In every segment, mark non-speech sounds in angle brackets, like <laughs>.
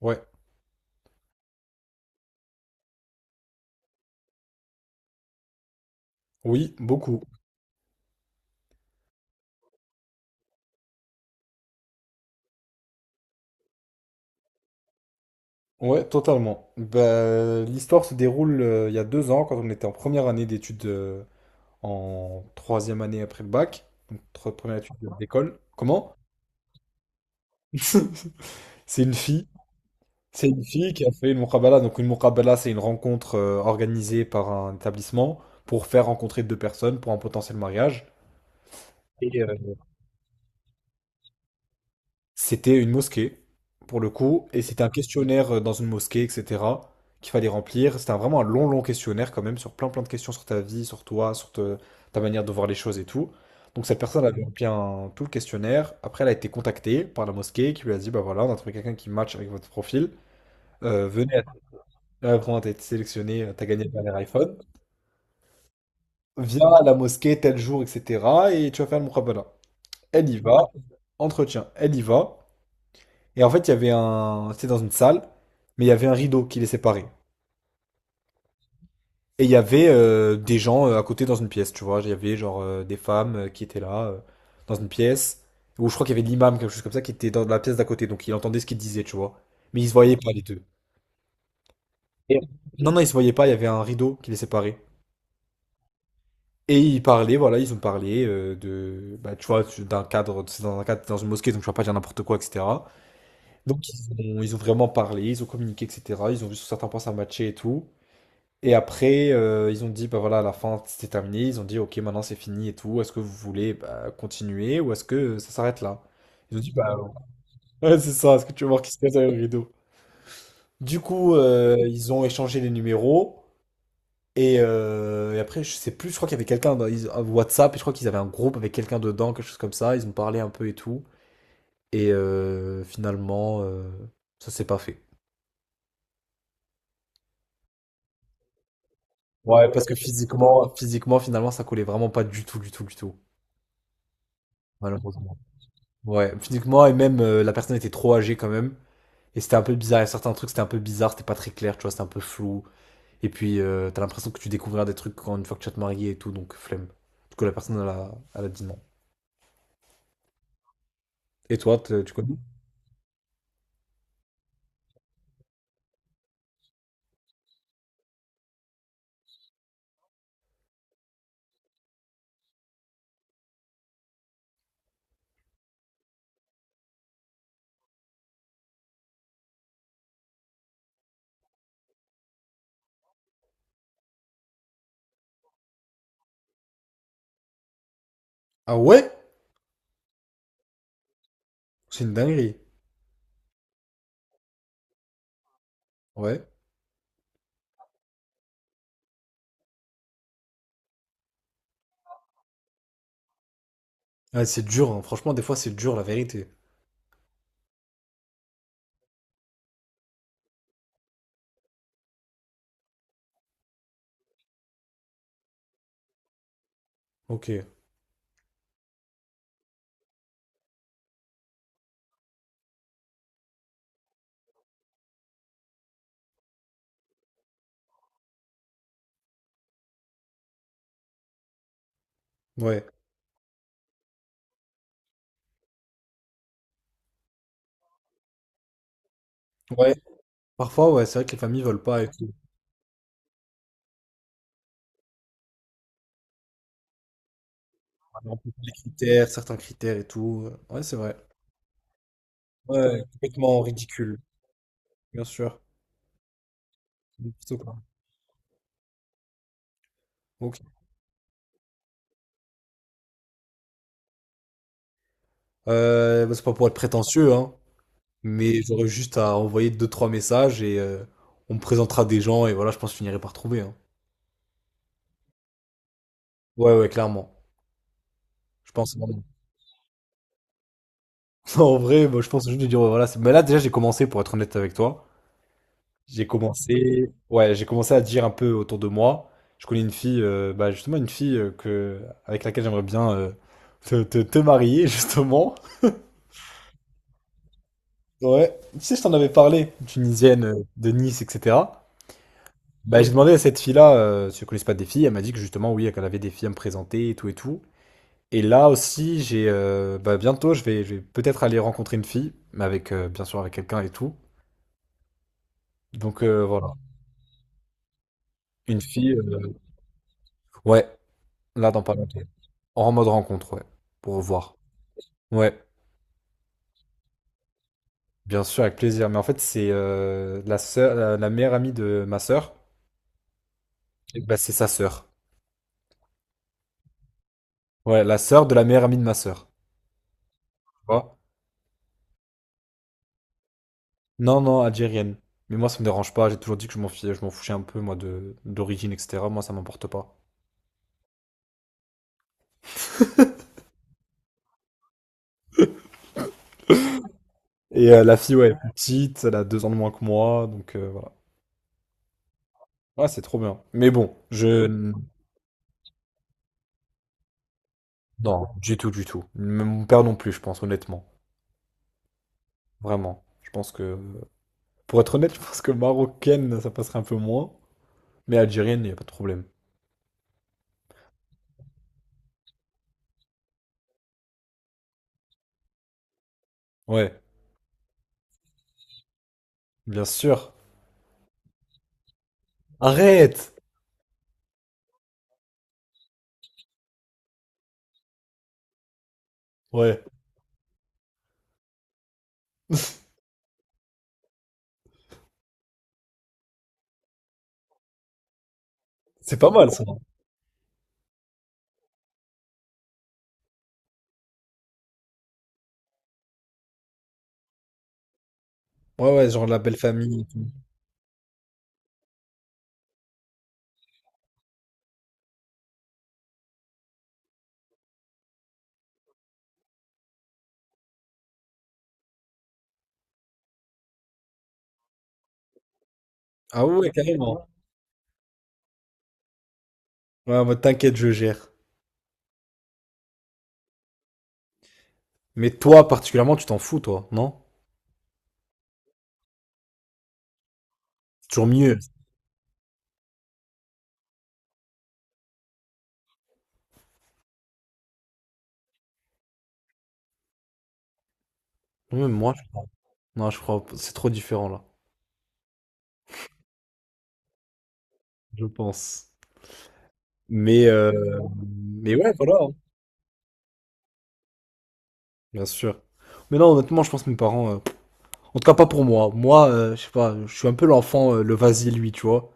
Ouais, oui, beaucoup. Ouais, totalement. Bah, l'histoire se déroule il y a 2 ans, quand on était en première année d'études, en troisième année après le bac, donc première étude d'école. Comment? <laughs> C'est une fille. C'est une fille qui a fait une muqabala. Donc une muqabala, c'est une rencontre organisée par un établissement pour faire rencontrer deux personnes pour un potentiel mariage. C'était une mosquée, pour le coup, et c'était un questionnaire dans une mosquée, etc., qu'il fallait remplir. C'était vraiment un long, long questionnaire quand même, sur plein, plein de questions sur ta vie, sur toi, sur ta manière de voir les choses et tout. Donc cette personne avait rempli tout le questionnaire. Après, elle a été contactée par la mosquée qui lui a dit, bah voilà, on a trouvé quelqu'un qui match avec votre profil. Venez. Vraiment, t'as été sélectionné, t'as gagné le dernier iPhone. Viens à la mosquée tel jour, etc. Et tu vas faire le mukhabara. Elle y va, entretien, elle y va. Et en fait, il y avait un. C'était dans une salle, mais il y avait un rideau qui les séparait. Et il y avait des gens à côté dans une pièce, tu vois. Il y avait genre des femmes qui étaient là, dans une pièce, où je crois qu'il y avait l'imam, quelque chose comme ça, qui était dans la pièce d'à côté, donc il entendait ce qu'ils disaient, tu vois. Mais ils se voyaient pas, les deux. Et- Non, non, ils se voyaient pas, il y avait un rideau qui les séparait. Et ils parlaient, voilà, ils ont parlé de, bah, tu vois, d'un cadre, c'est dans un cadre, dans une mosquée, donc je ne vais pas dire n'importe quoi, etc. Donc ils ont vraiment parlé, ils ont communiqué, etc. Ils ont vu sur certains points ça matchait et tout. Et après, ils ont dit, bah voilà, à la fin, c'était terminé. Ils ont dit, ok, maintenant c'est fini et tout. Est-ce que vous voulez bah, continuer ou est-ce que ça s'arrête là? Ils ont dit, bah <laughs> ouais, ouais, c'est ça, est-ce que tu veux voir qui se cache derrière le rideau? Du coup, ils ont échangé les numéros. Et après, je sais plus, je crois qu'il y avait quelqu'un dans un WhatsApp, et je crois qu'ils avaient un groupe avec quelqu'un dedans, quelque chose comme ça. Ils ont parlé un peu et tout. Et finalement, ça s'est pas fait. Ouais, parce que physiquement, physiquement, finalement, ça collait vraiment pas du tout, du tout, du tout. Malheureusement. Ouais, physiquement, et même la personne était trop âgée quand même. Et c'était un peu bizarre. Il y a certains trucs, c'était un peu bizarre, c'était pas très clair, tu vois, c'était un peu flou. Et puis, t'as l'impression que tu découvriras des trucs quand, une fois que tu vas te marier et tout, donc flemme. Du coup, la personne, elle a dit non. Et toi, tu connais? Ah ouais? C'est une dinguerie. Ouais. Ouais, c'est dur, hein. Franchement, des fois, c'est dur, la vérité. Ok. Ouais. Ouais. Parfois, ouais, c'est vrai que les familles veulent pas et tout. On peut pas. Les critères, certains critères et tout. Ouais, c'est vrai. Ouais, complètement ridicule, bien sûr. C'est plutôt quoi. Ok. Bah, c'est pas pour être prétentieux, hein, mais j'aurais juste à envoyer deux, trois messages et on me présentera des gens et voilà, je pense que je finirai par trouver. Hein. Ouais, ouais, clairement. Je pense vraiment. <laughs> En vrai, moi, je pense juste de dire, ouais, voilà, mais là déjà j'ai commencé, pour être honnête avec toi, j'ai commencé, ouais, j'ai commencé à dire un peu autour de moi. Je connais une fille, bah, justement une fille que avec laquelle j'aimerais bien te marier, <laughs> justement. Ouais, tu sais, je t'en avais parlé, tunisienne de Nice, etc. Bah, j'ai demandé à cette fille-là si elle connaissait pas des filles. Elle m'a dit que justement, oui, qu'elle avait des filles à me présenter et tout et tout. Et là aussi, j'ai bah, bientôt, je vais peut-être aller rencontrer une fille, mais avec bien sûr avec quelqu'un et tout. Donc voilà, une fille. Ouais, là dans pas longtemps. En mode rencontre, ouais, pour voir. Ouais, bien sûr, avec plaisir. Mais en fait, c'est la sœur, la meilleure amie de ma sœur. Et bah, c'est sa sœur. Ouais, la sœur de la meilleure amie de ma sœur. Tu Non, non, algérienne. Mais moi, ça me dérange pas. J'ai toujours dit que je m'en fichais un peu, moi, de d'origine, etc. Moi, ça m'importe pas. Et la fille, ouais, elle est plus petite, elle a 2 ans de moins que moi, donc voilà. Ouais, c'est trop bien. Mais bon, non, du tout, du tout. Même mon père non plus, je pense, honnêtement. Vraiment. Pour être honnête, <laughs> je pense que marocaine, ça passerait un peu moins. Mais algérienne, il n'y a pas de problème. Ouais, bien sûr. Arrête! Ouais. C'est pas mal, ça. Ouais, ouais, genre la belle famille. Ah ouais, carrément. Ouais, bah t'inquiète, je gère. Mais toi, particulièrement, tu t'en fous, toi, non? C'est toujours mieux. Même moi, non, je crois, c'est trop différent, là, je pense. Mais, euh, mais ouais, voilà, hein, bien sûr. Mais non, honnêtement, je pense que mes parents, en tout cas, pas pour moi. Moi, je sais pas, je suis un peu l'enfant, le vas-y, lui, tu vois.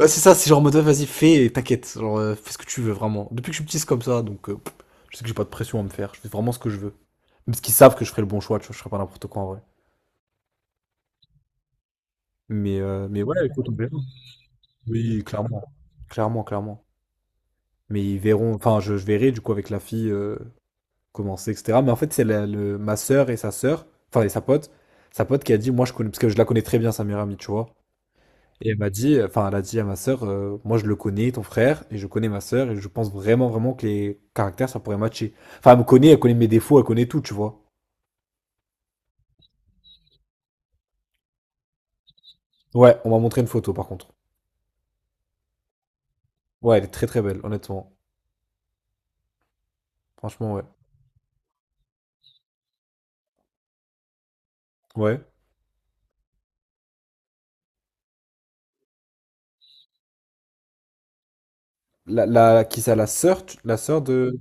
Ouais, c'est ça, c'est genre, en mode, ouais, vas-y, fais, et t'inquiète, genre, fais ce que tu veux, vraiment. Depuis que je suis petit, c'est comme ça, donc, je sais que j'ai pas de pression à me faire, je fais vraiment ce que je veux. Même parce qu'ils savent que je ferai le bon choix, tu vois, je ferai pas n'importe quoi, en vrai. Mais ouais, écoute, on verra. Oui, clairement. Clairement, clairement. Mais ils verront, enfin, je verrai du coup avec la fille comment c'est, etc. Mais en fait, c'est ma sœur et sa sœur, enfin, et sa pote, qui a dit, moi je connais, parce que je la connais très bien, sa meilleure amie, tu vois. Et elle m'a dit, enfin, elle a dit à ma sœur, moi je le connais, ton frère, et je connais ma sœur, et je pense vraiment, vraiment que les caractères, ça pourrait matcher. Enfin, elle me connaît, elle connaît mes défauts, elle connaît tout, tu vois. Ouais, on m'a montré une photo par contre. Ouais, elle est très très belle, honnêtement. Franchement, ouais. Ouais. Qui ça, la sœur, la sœur de.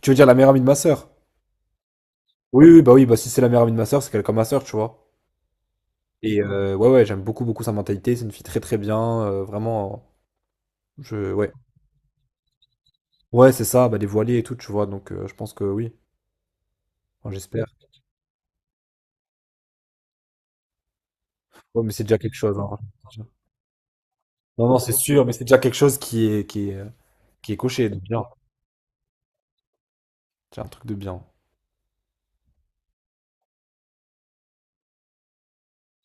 Tu veux dire la meilleure amie de ma sœur? Oui, oui, bah si c'est la meilleure amie de ma sœur, c'est qu'elle est comme ma sœur, tu vois. Et ouais, ouais, j'aime beaucoup, beaucoup sa mentalité. C'est une fille très, très bien. Vraiment, ouais, ouais, c'est ça, bah dévoilée et tout, tu vois. Donc, je pense que oui, enfin, j'espère. Ouais, mais c'est déjà quelque chose, hein. Non, non, c'est sûr, mais c'est déjà quelque chose qui est coché. Donc, bien, c'est un truc de bien.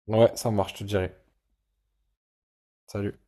Ouais, ça marche, je te dirai. Salut.